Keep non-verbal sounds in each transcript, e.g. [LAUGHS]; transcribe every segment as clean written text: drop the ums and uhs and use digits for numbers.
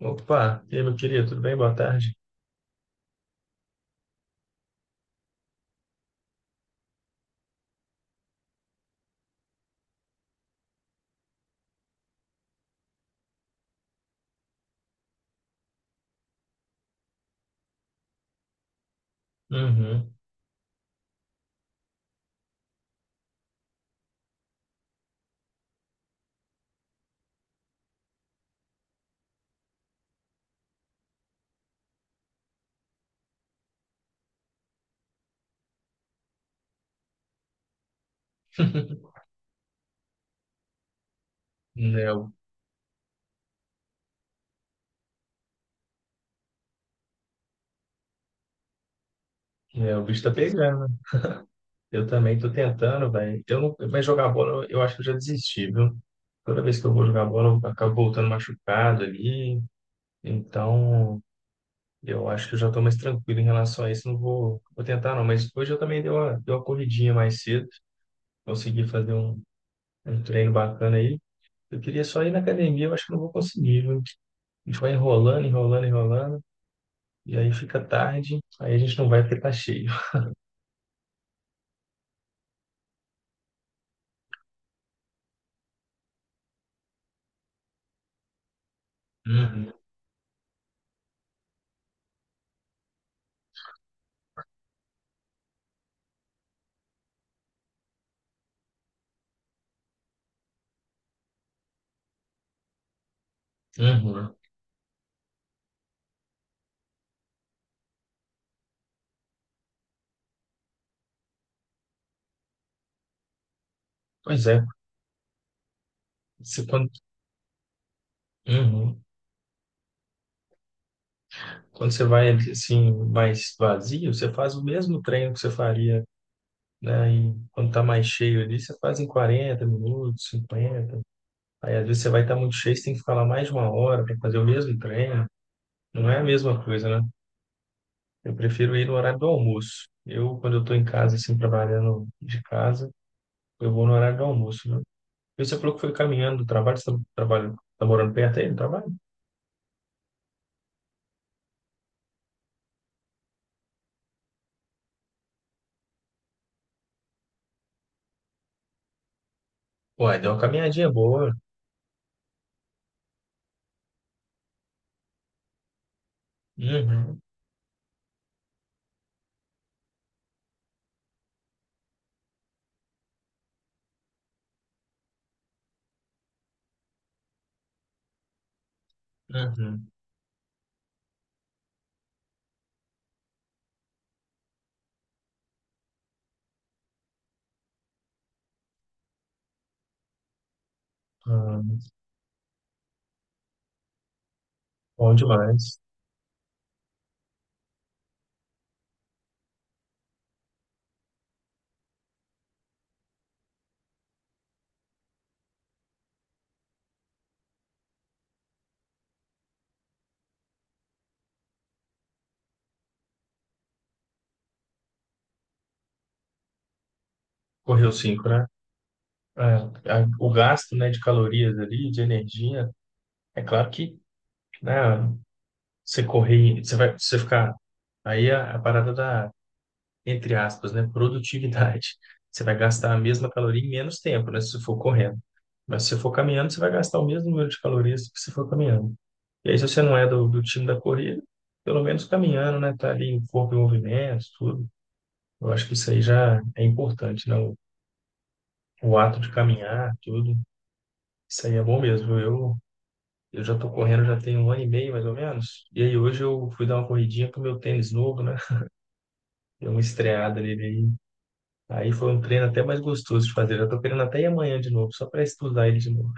Opa, e aí, meu querido, tudo bem? Boa tarde. Uhum. [LAUGHS] É, o, o bicho tá pegando. Eu também tô tentando, velho. Eu não, mas jogar bola, eu acho que eu já desisti, viu? Toda vez que eu vou jogar bola, eu acabo voltando machucado ali. Então, eu acho que eu já tô mais tranquilo em relação a isso. Não vou, vou tentar, não. Mas hoje eu também dei uma corridinha mais cedo. Consegui fazer um, um treino bacana aí. Eu queria só ir na academia, eu acho que não vou conseguir, viu? A gente vai enrolando, enrolando, enrolando. E aí fica tarde, aí a gente não vai porque tá cheio. Uhum, uhum. Pois é, você, quando, uhum. Quando você vai assim mais vazio, você faz o mesmo treino que você faria, né? E quando tá mais cheio ali, você faz em 40 minutos, cinquenta. Aí às vezes você vai estar muito cheio, você tem que ficar lá mais de uma hora para fazer o mesmo treino. Não é a mesma coisa, né? Eu prefiro ir no horário do almoço. Eu, quando eu tô em casa, assim, trabalhando de casa, eu vou no horário do almoço, né? E você falou que foi caminhando do trabalho, tá morando perto aí do trabalho? Uai, deu uma caminhadinha boa. Uhum, uhum. Ah, bom demais. Correu cinco, né? É, o gasto, né, de calorias ali, de energia, é claro que, né, você correr, você vai, você ficar, aí a parada da, entre aspas, né, produtividade. [LAUGHS] Você vai gastar a mesma caloria em menos tempo, né, se você for correndo. Mas se você for caminhando, você vai gastar o mesmo número de calorias que se for caminhando. E aí, se você não é do time da corrida, pelo menos caminhando, né, tá ali o corpo em movimento, tudo. Eu acho que isso aí já é importante, o ato de caminhar, tudo. Isso aí é bom mesmo. Eu já tô correndo já tem um ano e meio, mais ou menos. E aí, hoje eu fui dar uma corridinha com o meu tênis novo, né, [LAUGHS] deu uma estreada nele aí. Aí foi um treino até mais gostoso de fazer. Eu tô querendo até ir amanhã de novo, só para estudar ele de novo.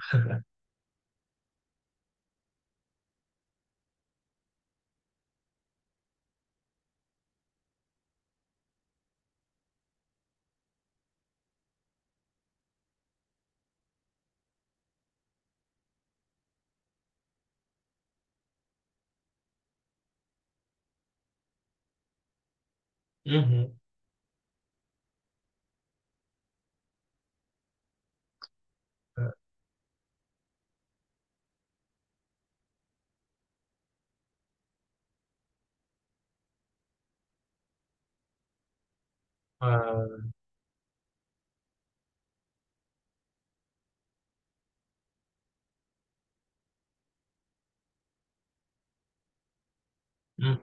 Uhum. Ah, uhum.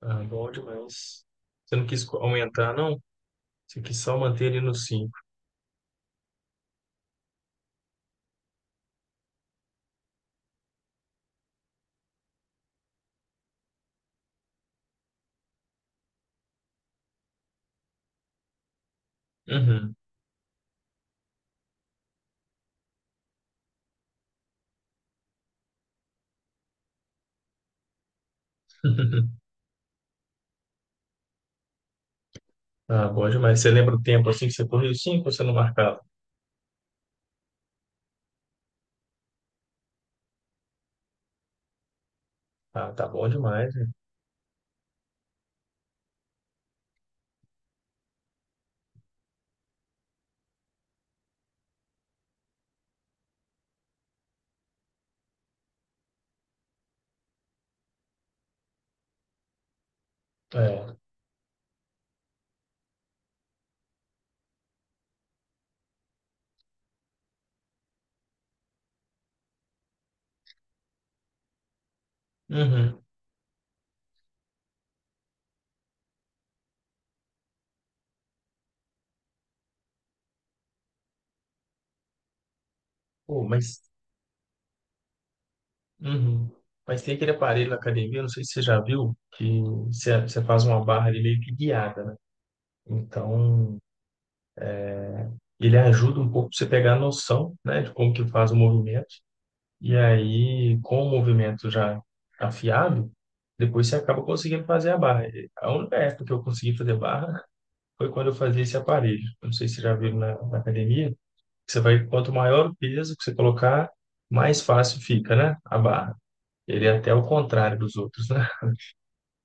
Ah, bom demais. Você não quis aumentar, não? Você quis só manter ele no cinco. Uhum. [LAUGHS] Ah, bom demais. Você lembra o tempo assim que você correu 5? Ou você não marcava? Ah, tá bom demais, né? É. Uhum. Pô, mas, uhum. Mas tem aquele aparelho na academia, não sei se você já viu, que você faz uma barra ali meio que guiada, né? Então, ele ajuda um pouco pra você pegar a noção, né, de como que faz o movimento. E aí, com o movimento já afiado, depois você acaba conseguindo fazer a barra. A única época que eu consegui fazer barra foi quando eu fazia esse aparelho. Não sei se vocês já viram na academia. Você vai, quanto maior o peso que você colocar, mais fácil fica, né, a barra. Ele é até o contrário dos outros, né?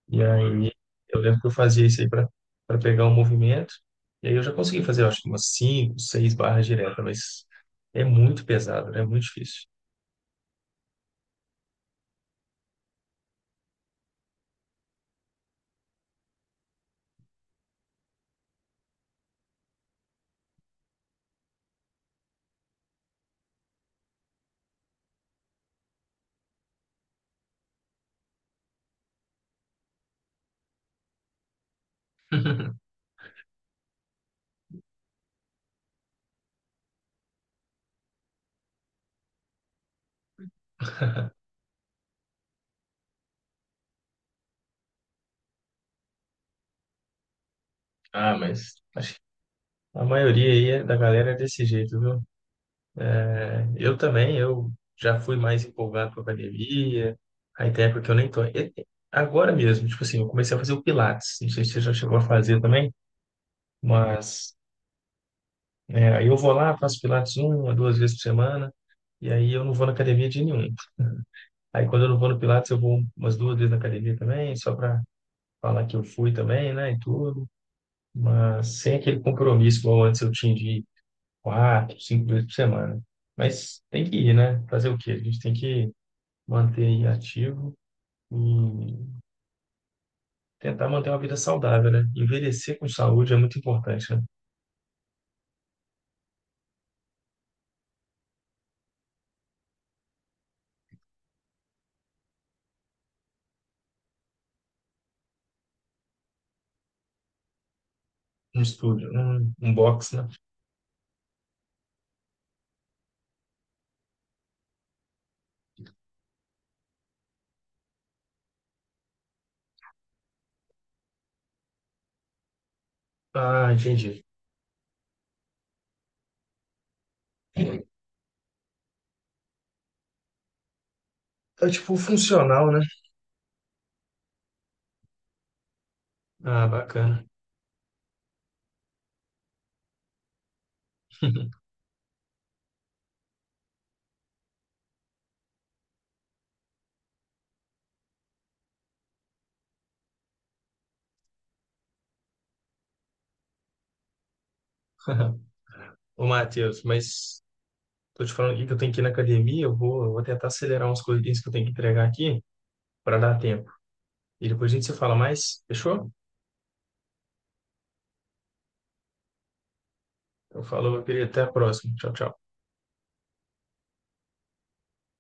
E aí eu lembro que eu fazia isso aí para pegar o movimento. E aí eu já consegui fazer, eu acho que umas cinco, seis barras diretas, mas é muito pesado, né? É muito difícil. [LAUGHS] Ah, mas acho que a maioria aí da galera é desse jeito, viu? É, eu também, eu já fui mais empolgado com a academia, aí tem época que eu nem tô. Agora mesmo, tipo assim, eu comecei a fazer o Pilates, não sei se você já chegou a fazer também, mas é, aí eu vou lá, faço Pilates uma, duas vezes por semana. E aí eu não vou na academia de nenhum. Aí quando eu não vou no Pilates, eu vou umas duas vezes na academia também, só para falar que eu fui também, né, e tudo. Mas sem aquele compromisso igual antes eu tinha de ir quatro, cinco vezes por semana. Mas tem que ir, né? Fazer o quê? A gente tem que manter aí ativo e tentar manter uma vida saudável, né? Envelhecer com saúde é muito importante, né? Um estúdio, um box, né? Ah, entendi. É tipo funcional, né? Ah, bacana. [LAUGHS] Ô, Matheus, mas tô te falando aqui que eu tenho que ir na academia, eu vou tentar acelerar umas coisinhas que eu tenho que entregar aqui para dar tempo. E depois a gente se fala mais, fechou? Eu falo, meu querido, até a próxima. Tchau, tchau.